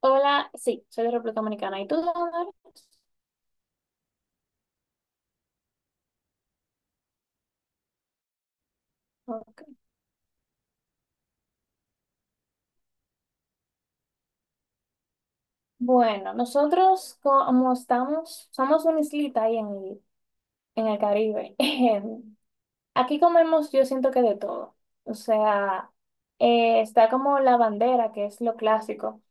Hola, sí, soy de República Dominicana. ¿Y tú de dónde eres? Ok. Bueno, nosotros como estamos, somos una islita ahí en el Caribe. Aquí comemos, yo siento que de todo. O sea, está como la bandera, que es lo clásico,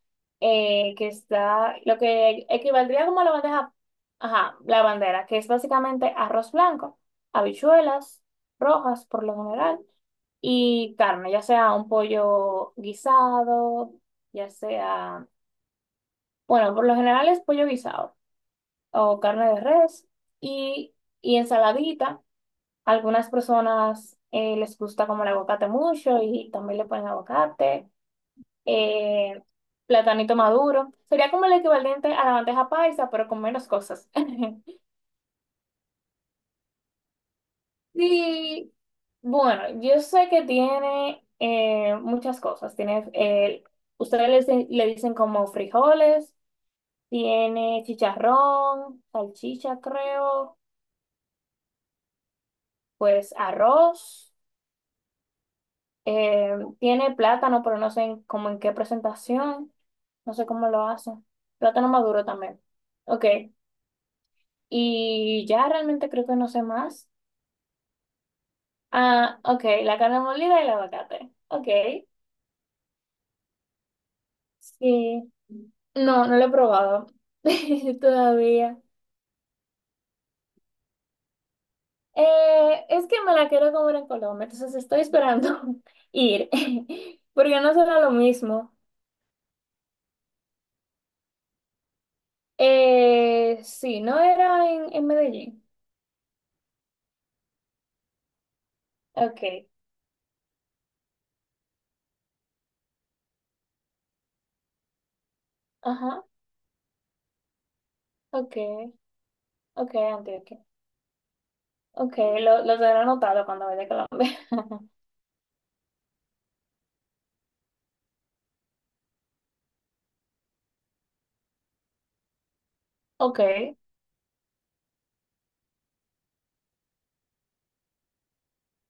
que está lo que equivaldría como a la bandeja, ajá, la bandera, que es básicamente arroz blanco, habichuelas rojas por lo general. Y carne, ya sea un pollo guisado, ya sea, bueno, por lo general es pollo guisado o carne de res y, y ensaladita. Algunas personas les gusta como el aguacate mucho y también le ponen aguacate, eh, platanito maduro. Sería como el equivalente a la bandeja paisa, pero con menos cosas. Sí, bueno, yo sé que tiene muchas cosas. Tiene, ustedes le dicen como frijoles, tiene chicharrón, salchicha, creo, pues arroz, tiene plátano, pero no sé en- como en qué presentación, no sé cómo lo hacen. Plátano maduro también. Ok, y ya realmente creo que no sé más. Ah, ok, la carne molida y el aguacate. Ok, sí. No, no lo he probado todavía. Es que me la quiero comer en Colombia, entonces estoy esperando ir, porque no será lo mismo. Sí, no era en Medellín. Okay, ajá, okay. Okay Andy, ok, Antioquia. Okay, lo tendré anotado cuando vaya a Colombia. Okay,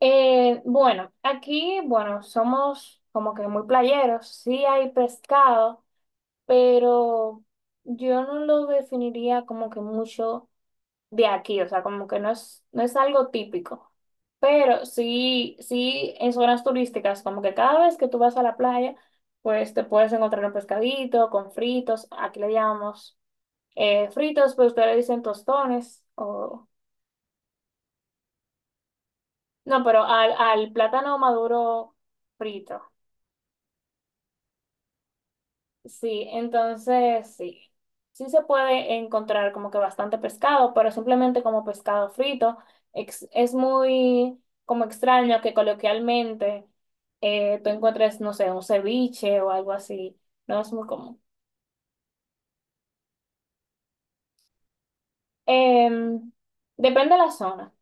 bueno, aquí, bueno, somos como que muy playeros, sí hay pescado. Pero yo no lo definiría como que mucho de aquí, o sea, como que no es algo típico. Pero sí, sí, en zonas turísticas, como que cada vez que tú vas a la playa, pues te puedes encontrar un pescadito con fritos, aquí le llamamos fritos, pero ustedes le dicen tostones, o... No, pero al plátano maduro frito. Sí, entonces sí, sí se puede encontrar como que bastante pescado, pero simplemente como pescado frito. Es muy como extraño que coloquialmente tú encuentres, no sé, un ceviche o algo así. No es muy común. Em, Depende de la zona,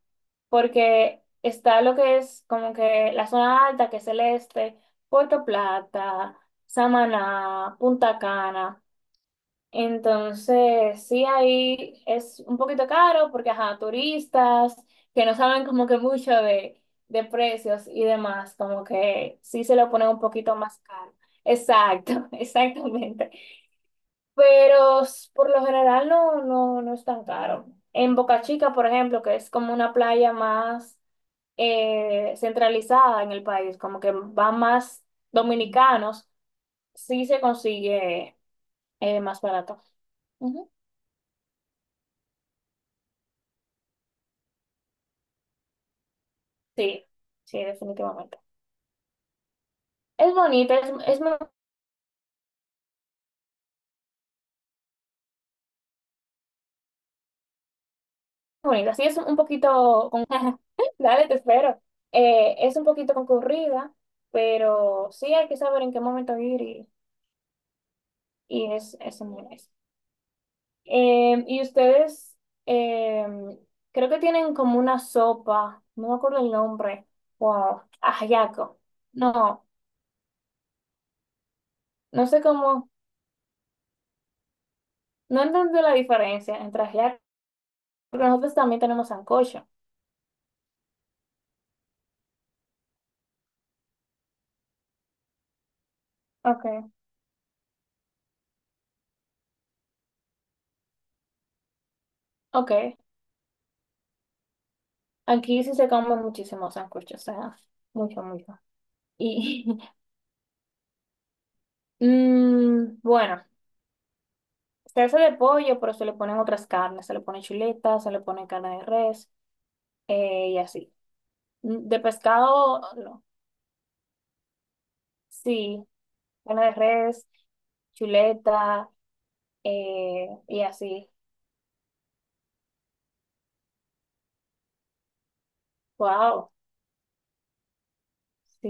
porque está lo que es como que la zona alta, que es el este, Puerto Plata, Samaná, Punta Cana. Entonces, sí, ahí es un poquito caro porque, ajá, turistas que no saben como que mucho de precios y demás, como que sí se lo ponen un poquito más caro. Exacto, exactamente. Pero por lo general no, no, no es tan caro. En Boca Chica, por ejemplo, que es como una playa más centralizada en el país, como que van más dominicanos, sí se consigue más barato. Sí, sí, definitivamente. Es bonita, es muy bonita. Sí, es un poquito con... Dale, te espero. Es un poquito concurrida, pero sí hay que saber en qué momento ir y es muy nice. Eh, y ustedes, eh, creo que tienen como una sopa, no me acuerdo el nombre, wow, ajiaco. No, no sé cómo, no entiendo la diferencia entre ajiaco, porque nosotros también tenemos sancocho. Okay. Ok, aquí sí se comen muchísimos sándwiches, o sea, mucho, mucho. Y bueno, se hace de pollo, pero se le ponen otras carnes, se le pone chuleta, se le pone carne de res y así. De pescado, no. Sí, carne de res, chuleta y así. Wow, sí,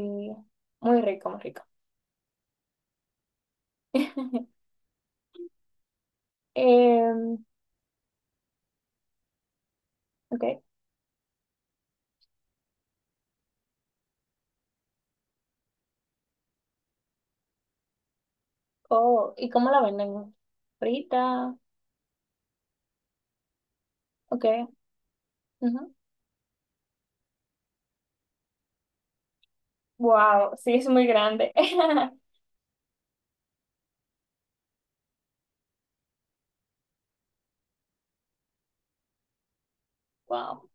muy rico, muy rico. Em, ok. Oh, ¿y cómo la venden? Frita, ok. Ujú. Wow, sí, es muy grande. Wow,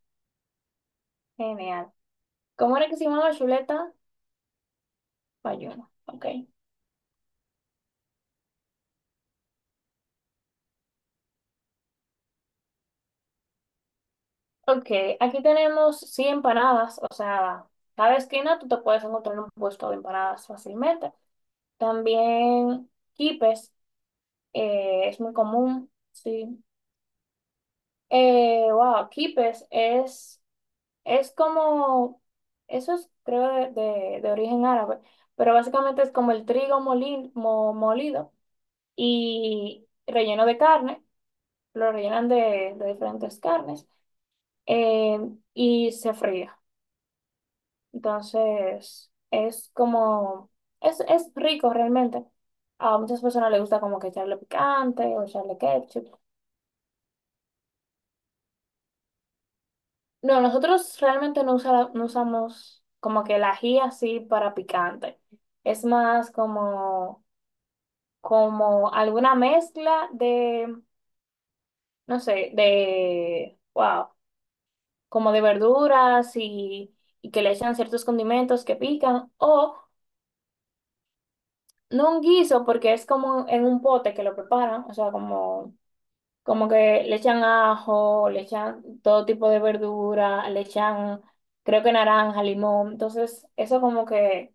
genial. ¿Cómo era que se llamaba chuleta? Bayuna. Ok. Ok, aquí tenemos sí empanadas, o sea, cada esquina tú te puedes encontrar un puesto de empanadas fácilmente. También quipes, es muy común, sí. Wow, quipes es como, eso es creo de origen árabe, pero básicamente es como el molido y relleno de carne, lo rellenan de diferentes carnes eh, y se fría. Entonces, es como, es rico realmente. A muchas personas les gusta como que echarle picante o echarle ketchup. No, nosotros realmente no, no usamos como que el ají así para picante. Es más como, como alguna mezcla de, no sé, de, wow. Como de verduras y que le echan ciertos condimentos que pican, o no un guiso porque es como en un pote que lo preparan, o sea, como, como que le echan ajo, le echan todo tipo de verdura, le echan creo que naranja, limón, entonces eso como que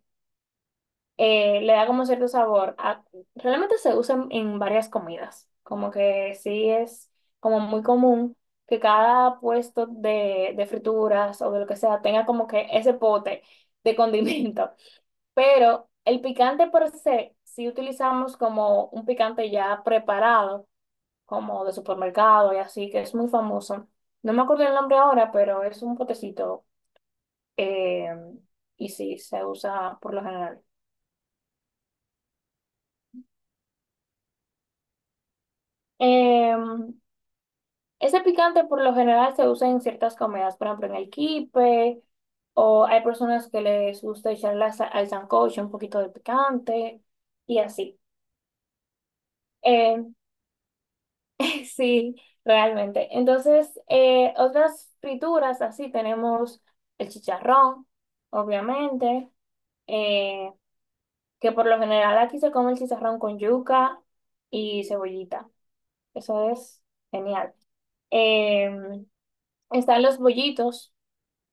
le da como cierto sabor. Realmente se usa en varias comidas, como que sí es como muy común que cada puesto de frituras o de lo que sea tenga como que ese pote de condimento. Pero el picante per se, si utilizamos como un picante ya preparado, como de supermercado y así, que es muy famoso. No me acuerdo el nombre ahora, pero es un potecito eh, y sí, se usa por lo general. Em, Ese picante por lo general se usa en ciertas comidas, por ejemplo en el quipe, o hay personas que les gusta echarle al sancocho un poquito de picante y así. Eh, sí, realmente. Entonces, otras frituras así tenemos el chicharrón, obviamente, eh, que por lo general aquí se come el chicharrón con yuca y cebollita. Eso es genial. Em, Están los bollitos.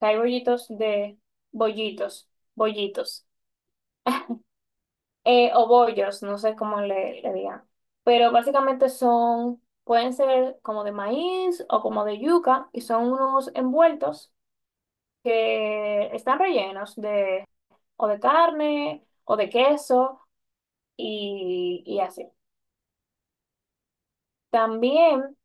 Hay bollitos de bollitos, bollitos, o bollos, no sé cómo le digan. Pero básicamente son, pueden ser como de maíz o como de yuca y son unos envueltos que están rellenos de o de carne o de queso y así. También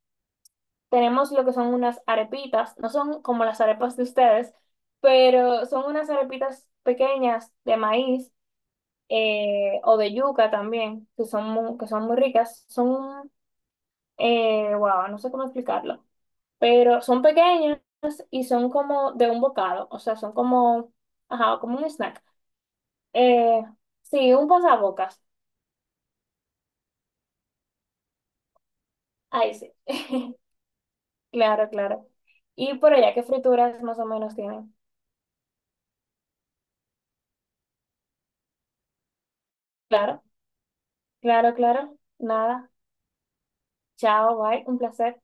tenemos lo que son unas arepitas, no son como las arepas de ustedes, pero son unas arepitas pequeñas de maíz o de yuca también, que son muy ricas. Son, wow, no sé cómo explicarlo, pero son pequeñas y son como de un bocado, o sea, son como, ajá, como un snack. Eh, sí, un pasabocas. Ahí sí. Claro, claro. Y por allá, ¿qué frituras más o menos tienen? Claro, claro, claro. Nada. Chao, bye. Un placer.